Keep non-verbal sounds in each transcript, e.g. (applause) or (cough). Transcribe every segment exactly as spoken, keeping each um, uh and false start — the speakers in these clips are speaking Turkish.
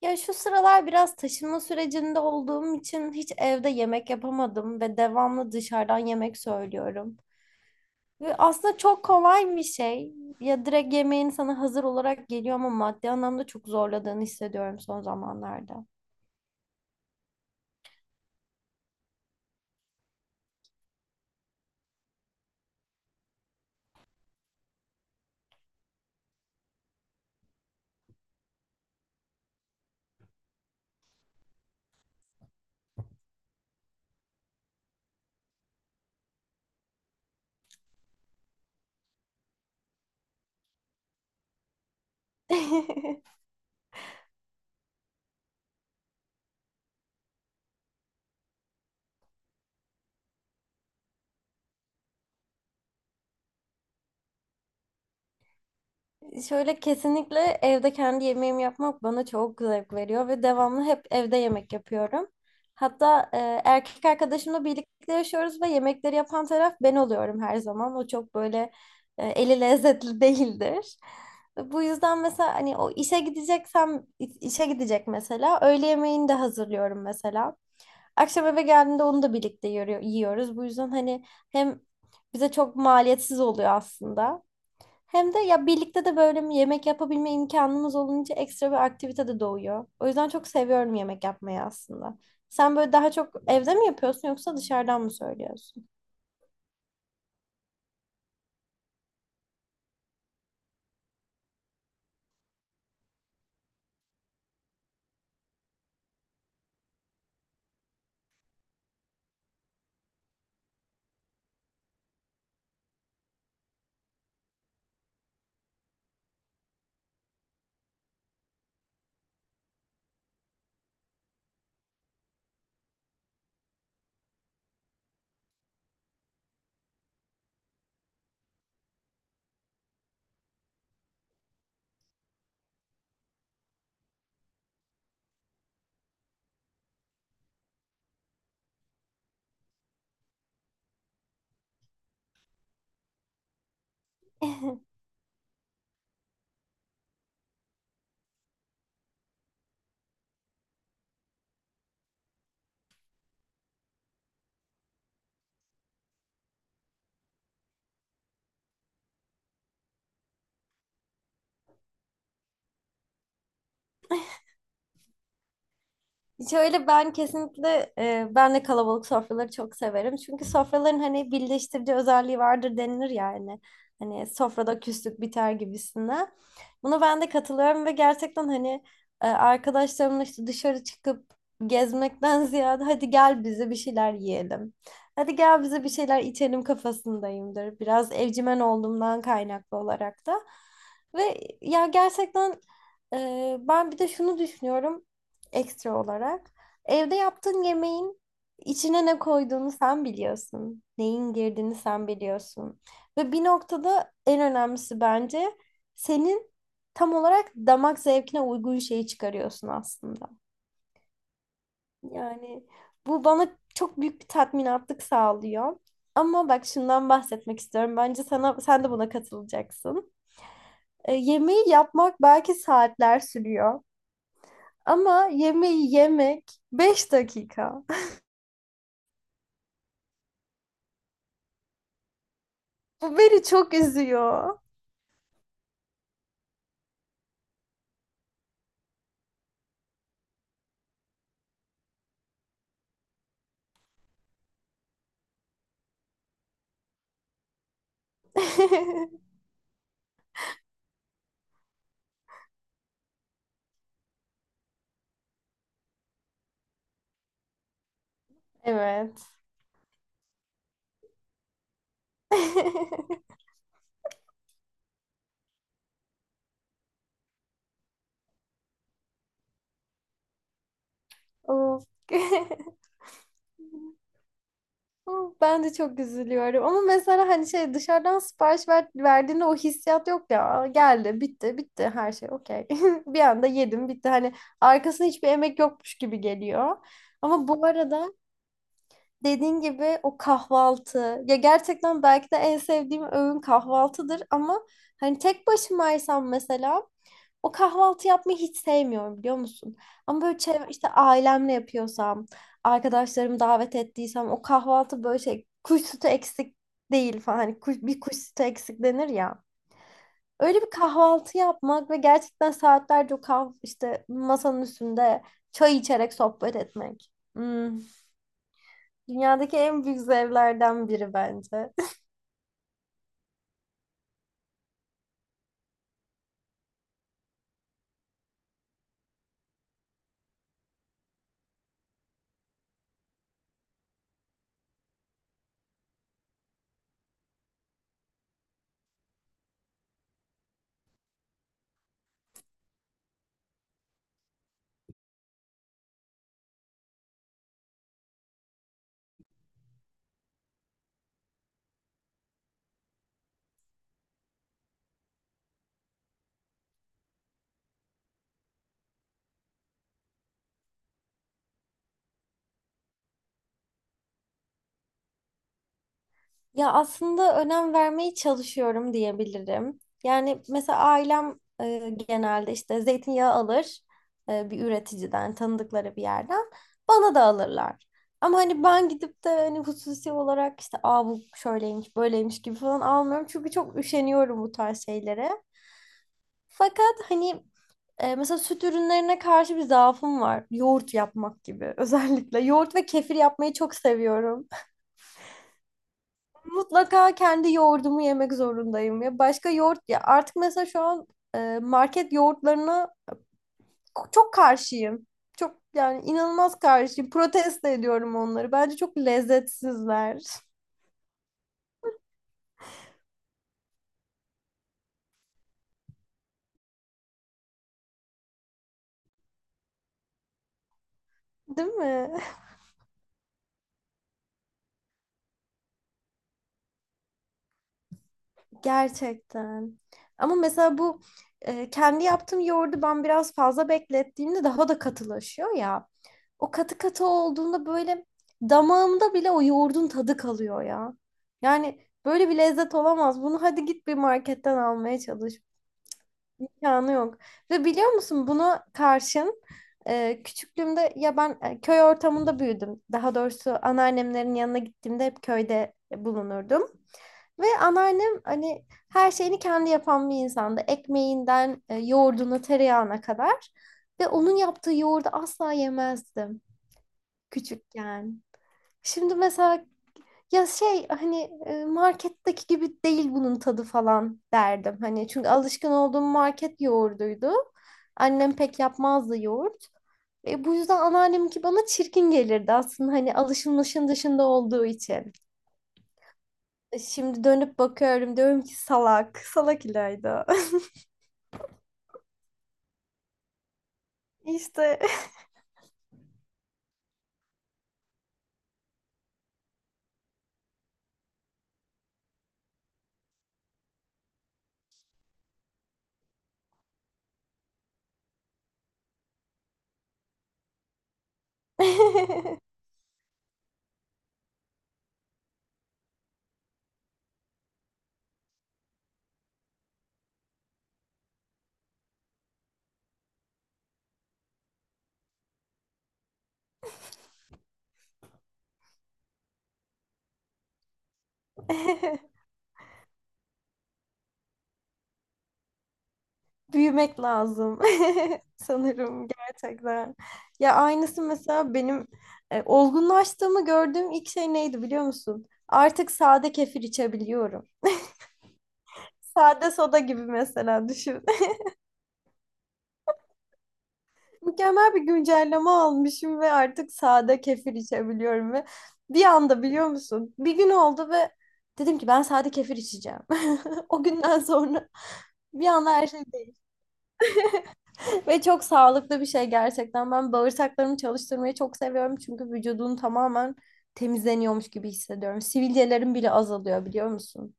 Ya şu sıralar biraz taşınma sürecinde olduğum için hiç evde yemek yapamadım ve devamlı dışarıdan yemek söylüyorum. Ve aslında çok kolay bir şey. Ya direkt yemeğin sana hazır olarak geliyor ama maddi anlamda çok zorladığını hissediyorum son zamanlarda. (laughs) Şöyle kesinlikle evde kendi yemeğimi yapmak bana çok zevk veriyor ve devamlı hep evde yemek yapıyorum. Hatta e, erkek arkadaşımla birlikte yaşıyoruz ve yemekleri yapan taraf ben oluyorum her zaman. O çok böyle e, eli lezzetli (laughs) değildir. Bu yüzden mesela hani o işe gideceksem işe gidecek mesela öğle yemeğini de hazırlıyorum mesela. Akşam eve geldiğinde onu da birlikte yiyor- yiyoruz. Bu yüzden hani hem bize çok maliyetsiz oluyor aslında. Hem de ya birlikte de böyle bir yemek yapabilme imkanımız olunca ekstra bir aktivite de doğuyor. O yüzden çok seviyorum yemek yapmayı aslında. Sen böyle daha çok evde mi yapıyorsun yoksa dışarıdan mı söylüyorsun? (laughs) Şöyle ben kesinlikle e, ben de kalabalık sofraları çok severim. Çünkü sofraların hani birleştirici özelliği vardır denilir yani. Hani Hani sofrada küslük biter gibisine. Buna ben de katılıyorum ve gerçekten hani e, arkadaşlarımla işte dışarı çıkıp gezmekten (laughs) ziyade hadi gel bize bir şeyler yiyelim. Hadi gel bize bir şeyler içelim kafasındayımdır. Biraz evcimen olduğumdan kaynaklı olarak da. Ve ya gerçekten ee, ben bir de şunu düşünüyorum ekstra olarak. Evde yaptığın yemeğin içine ne koyduğunu sen biliyorsun. Neyin girdiğini sen biliyorsun. Ve bir noktada en önemlisi bence senin tam olarak damak zevkine uygun şeyi çıkarıyorsun aslında. Yani bu bana çok büyük bir tatminatlık sağlıyor. Ama bak şundan bahsetmek istiyorum. Bence sana sen de buna katılacaksın. E, yemeği yapmak belki saatler sürüyor. Ama yemeği yemek beş dakika. Bu beni çok üzüyor. (laughs) Evet. (laughs) Of. (laughs) Hı, ben de çok üzülüyorum. Ama mesela hani şey dışarıdan sipariş ver, verdiğinde o hissiyat yok ya. Geldi, bitti, bitti her şey okey. (laughs) Bir anda yedim, bitti. Hani arkasında hiçbir emek yokmuş gibi geliyor. Ama bu arada dediğin gibi o kahvaltı. Ya gerçekten belki de en sevdiğim öğün kahvaltıdır ama hani tek başımaysam mesela o kahvaltı yapmayı hiç sevmiyorum biliyor musun? Ama böyle çevre, işte ailemle yapıyorsam, arkadaşlarımı davet ettiysem o kahvaltı böyle şey kuş sütü eksik değil falan. Hani kuş, bir kuş sütü eksik denir ya. Öyle bir kahvaltı yapmak ve gerçekten saatlerce o kah işte masanın üstünde çay içerek sohbet etmek. Hmm. Dünyadaki en büyük zevklerden biri bence. Ya aslında önem vermeye çalışıyorum diyebilirim. Yani mesela ailem e, genelde işte zeytinyağı alır e, bir üreticiden, tanıdıkları bir yerden. Bana da alırlar. Ama hani ben gidip de hani hususi olarak işte aa, bu şöyleymiş, böyleymiş gibi falan almıyorum. Çünkü çok üşeniyorum bu tarz şeylere. Fakat hani e, mesela süt ürünlerine karşı bir zaafım var. Yoğurt yapmak gibi (laughs) özellikle. Yoğurt ve kefir yapmayı çok seviyorum. Mutlaka kendi yoğurdumu yemek zorundayım ya. Başka yoğurt ya artık mesela şu an e, market yoğurtlarına ko- çok karşıyım. Çok yani inanılmaz karşıyım. Protesto ediyorum onları. Bence çok lezzetsizler. (laughs) Değil mi? Gerçekten. Ama mesela bu e, kendi yaptığım yoğurdu ben biraz fazla beklettiğimde daha da katılaşıyor ya. O katı katı olduğunda böyle damağımda bile o yoğurdun tadı kalıyor ya. Yani böyle bir lezzet olamaz. Bunu hadi git bir marketten almaya çalış. İmkanı yok. Ve biliyor musun buna karşın e, küçüklüğümde ya ben e, köy ortamında büyüdüm. Daha doğrusu anneannemlerin yanına gittiğimde hep köyde bulunurdum. Ve anneannem hani her şeyini kendi yapan bir insandı. Ekmeğinden e, yoğurduna, tereyağına kadar. Ve onun yaptığı yoğurdu asla yemezdim küçükken. Şimdi mesela ya şey hani e, marketteki gibi değil bunun tadı falan derdim. Hani çünkü alışkın olduğum market yoğurduydu. Annem pek yapmazdı yoğurt. Ve bu yüzden anneanneminki bana çirkin gelirdi aslında hani alışılmışın dışında olduğu için. Şimdi dönüp bakıyorum diyorum ki salak. Salak İlayda. (laughs) İşte (laughs) büyümek lazım (laughs) sanırım gerçekten. Ya aynısı mesela benim e, olgunlaştığımı gördüğüm ilk şey neydi biliyor musun? Artık sade kefir içebiliyorum. Sade soda gibi mesela düşün. Mükemmel bir güncelleme almışım ve artık sade kefir içebiliyorum ve bir anda biliyor musun? Bir gün oldu ve dedim ki ben sade kefir içeceğim. (laughs) O günden sonra bir anda her şey değişti. Ve çok sağlıklı bir şey gerçekten. Ben bağırsaklarımı çalıştırmayı çok seviyorum çünkü vücudun tamamen temizleniyormuş gibi hissediyorum. Sivilcelerim bile azalıyor biliyor musun?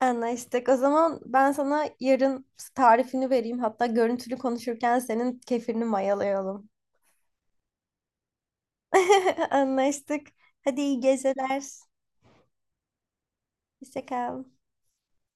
Anlaştık. O zaman ben sana yarın tarifini vereyim. Hatta görüntülü konuşurken senin kefirini mayalayalım. (laughs) Anlaştık. Hadi iyi geceler. Hoşça kal.